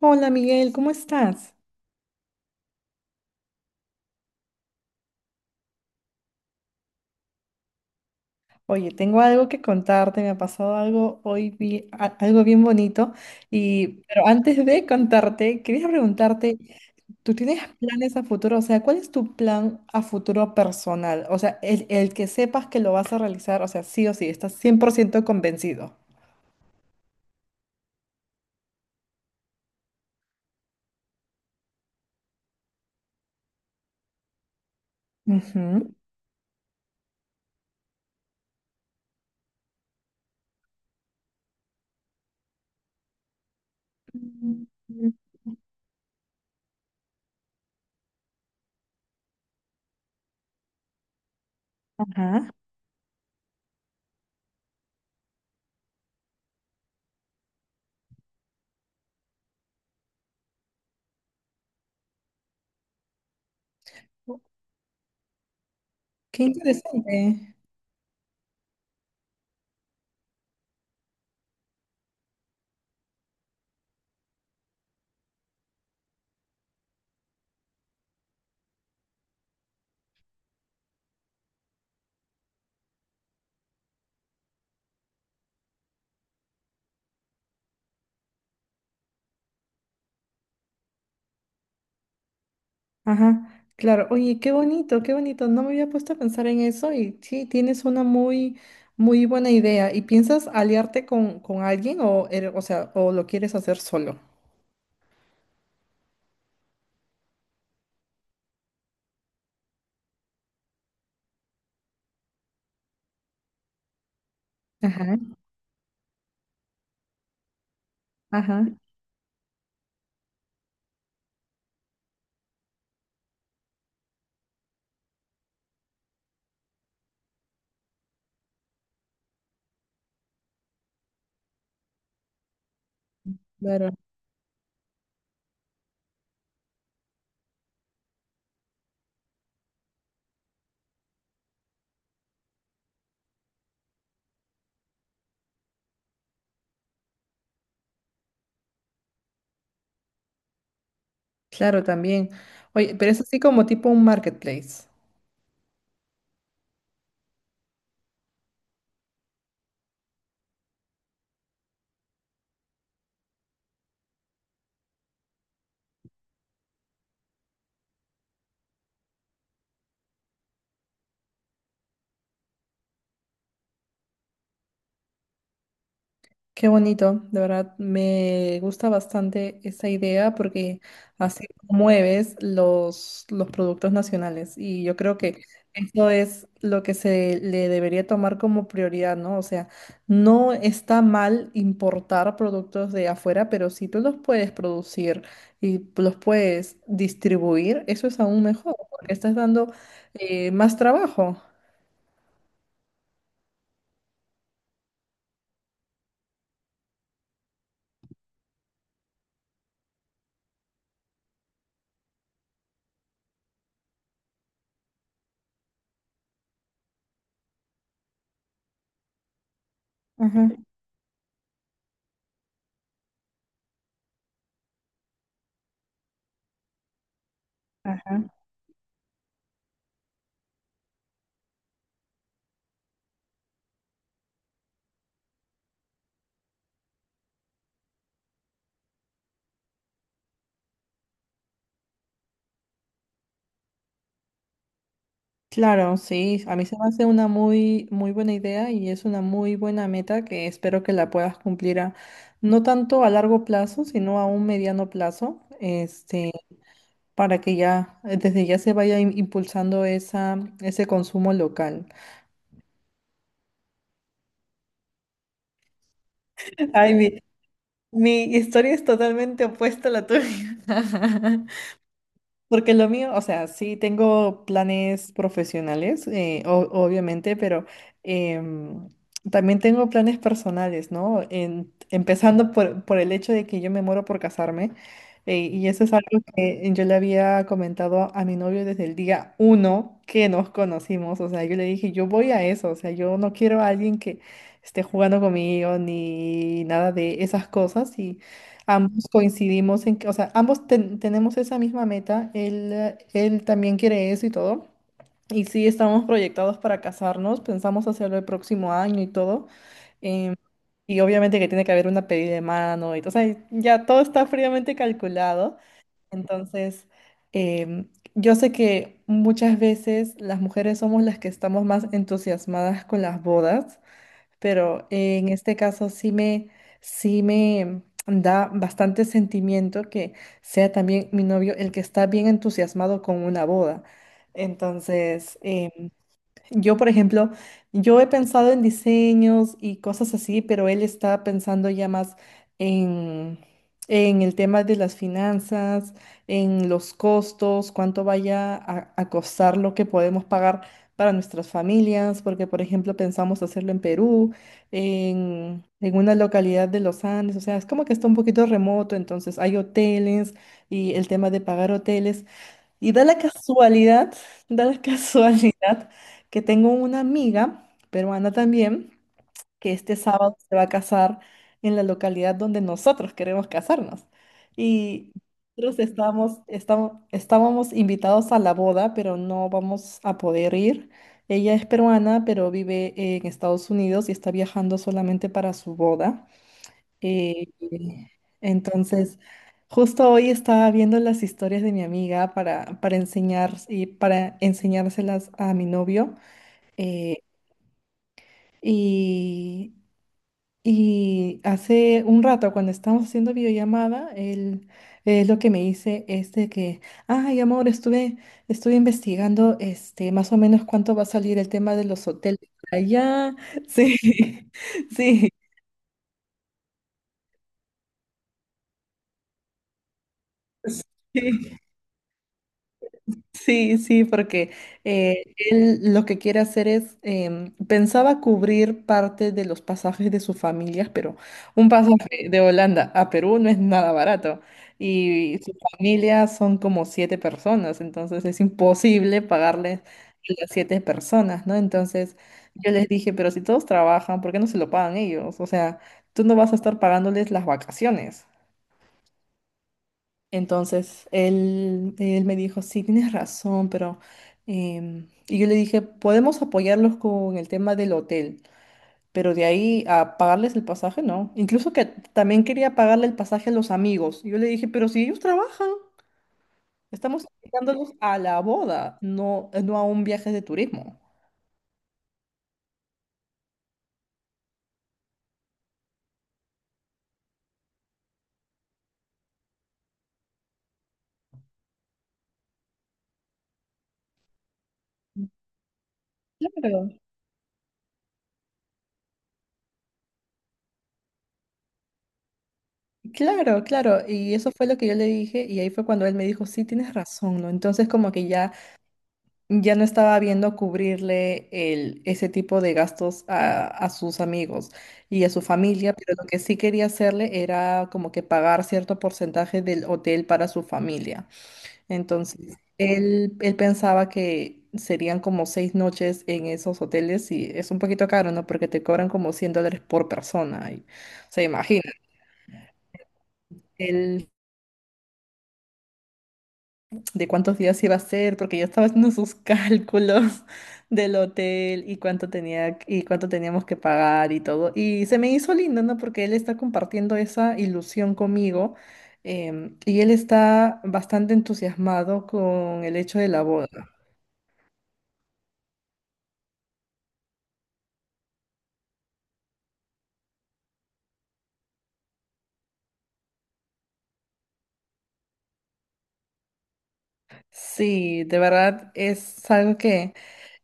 Hola Miguel, ¿cómo estás? Oye, tengo algo que contarte, me ha pasado algo hoy, algo bien bonito, pero antes de contarte, quería preguntarte, ¿tú tienes planes a futuro? O sea, ¿cuál es tu plan a futuro personal? O sea, el que sepas que lo vas a realizar, o sea, sí o sí, estás 100% convencido. Ujú. Mm. Ajá. Qué interesante. Ajá, claro. Oye, qué bonito, qué bonito. No me había puesto a pensar en eso y sí, tienes una muy, muy buena idea. ¿Y piensas aliarte con alguien o sea, o lo quieres hacer solo? Ajá, ajá, claro, claro, también. Oye, pero es así como tipo un marketplace. Qué bonito, de verdad me gusta bastante esa idea porque así promueves los productos nacionales y yo creo que eso es lo que se le debería tomar como prioridad, ¿no? O sea, no está mal importar productos de afuera, pero si tú los puedes producir y los puedes distribuir, eso es aún mejor porque estás dando más trabajo. Ajá. Ajá. Claro, sí, a mí se me hace una muy, muy buena idea y es una muy buena meta que espero que la puedas cumplir no tanto a largo plazo, sino a un mediano plazo, este, para que ya, desde ya se vaya impulsando ese consumo local. Ay, mi historia es totalmente opuesta a la tuya. Porque lo mío, o sea, sí tengo planes profesionales, obviamente, pero em, también tengo planes personales, ¿no? En- empezando por el hecho de que yo me muero por casarme, y eso es algo que yo le había comentado a mi novio desde el día uno que nos conocimos, o sea, yo le dije, yo voy a eso, o sea, yo no quiero a alguien que esté jugando conmigo ni nada de esas cosas. Ambos coincidimos en que, o sea, ambos tenemos esa misma meta, él también quiere eso y todo. Y sí, estamos proyectados para casarnos, pensamos hacerlo el próximo año y todo. em, y obviamente que tiene que haber una pedida de mano y todo, o sea, ya todo está fríamente calculado. Entonces, em, yo sé que muchas veces las mujeres somos las que estamos más entusiasmadas con las bodas, pero en este caso sí me da bastante sentimiento que sea también mi novio el que está bien entusiasmado con una boda. Entonces, yo, por ejemplo, yo he pensado en diseños y cosas así, pero él está pensando ya más en, en el tema de las finanzas, en los costos, cuánto vaya a costar lo que podemos pagar para nuestras familias, porque, por ejemplo, pensamos hacerlo en Perú, en una localidad de los Andes, o sea, es como que está un poquito remoto, entonces hay hoteles y el tema de pagar hoteles. Y da la casualidad, da la casualidad que tengo una amiga peruana también, que este sábado se va a casar en la localidad donde nosotros queremos casarnos. Y nosotros estábamos invitados a la boda, pero no vamos a poder ir. Ella es peruana, pero vive en Estados Unidos y está viajando solamente para su boda. Eh, entonces, justo hoy estaba viendo las historias de mi amiga para, enseñar y para enseñárselas a mi novio. eh, y, y hace un rato, cuando estábamos haciendo videollamada, él lo que me dice es de que, ay, amor, estuve investigando este, más o menos cuánto va a salir el tema de los hoteles allá. Sí, sí. Sí. Sí, sí, porque eh, él lo que quiere hacer es, pensaba cubrir parte de los pasajes de sus familias, pero un pasaje de Holanda a Perú no es nada barato. Y su familia son como siete personas, entonces es imposible pagarles a las siete personas, ¿no? Entonces yo les dije, pero si todos trabajan, ¿por qué no se lo pagan ellos? O sea, tú no vas a estar pagándoles las vacaciones. Entonces él me dijo, sí, tienes razón, pero... y yo le dije, podemos apoyarlos con el tema del hotel, pero de ahí a pagarles el pasaje, no. Incluso que también quería pagarle el pasaje a los amigos. Y yo le dije, pero si ellos trabajan, estamos invitándolos a la boda, no, no a un viaje de turismo. Claro, claro, claro. Y eso fue lo que yo le dije y ahí fue cuando él me dijo, sí, tienes razón, ¿no? Entonces como que ya no estaba viendo cubrirle ese tipo de gastos a sus amigos y a su familia, pero lo que sí quería hacerle era como que pagar cierto porcentaje del hotel para su familia. Entonces, él pensaba que serían como seis noches en esos hoteles y es un poquito caro, ¿no? Porque te cobran como 100 dólares por persona. O sea, imagina, él de cuántos días iba a ser, porque yo estaba haciendo sus cálculos del hotel y cuánto tenía y cuánto teníamos que pagar y todo. Y se me hizo lindo, ¿no? Porque él está compartiendo esa ilusión conmigo, y él está bastante entusiasmado con el hecho de la boda. Sí, de verdad es algo que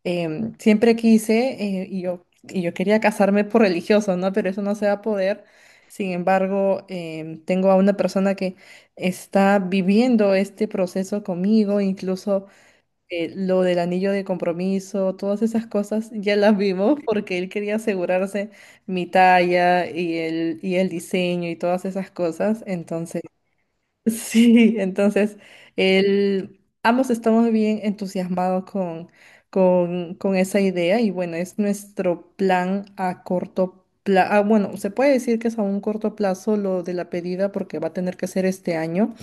siempre quise, y yo quería casarme por religioso, ¿no? Pero eso no se va a poder. Sin embargo, tengo a una persona que está viviendo este proceso conmigo, incluso lo del anillo de compromiso, todas esas cosas ya las vimos porque él quería asegurarse mi talla y y el, diseño y todas esas cosas. Entonces, Sí, entonces ambos estamos bien entusiasmados con esa idea y bueno, es nuestro plan a corto plazo. Bueno, se puede decir que es a un corto plazo lo de la pedida porque va a tener que ser este año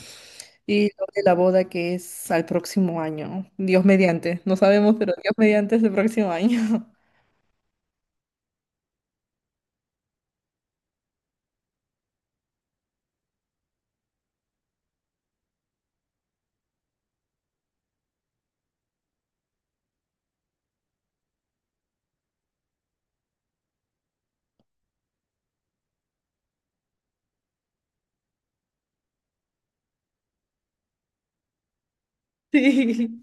y lo de la boda que es al próximo año. Dios mediante, no sabemos, pero Dios mediante es el próximo año. Sí,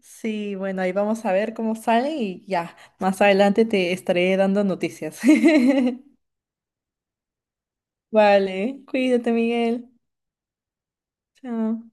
sí, bueno, ahí vamos a ver cómo sale y ya, más adelante te estaré dando noticias. Vale, cuídate, Miguel. Chao.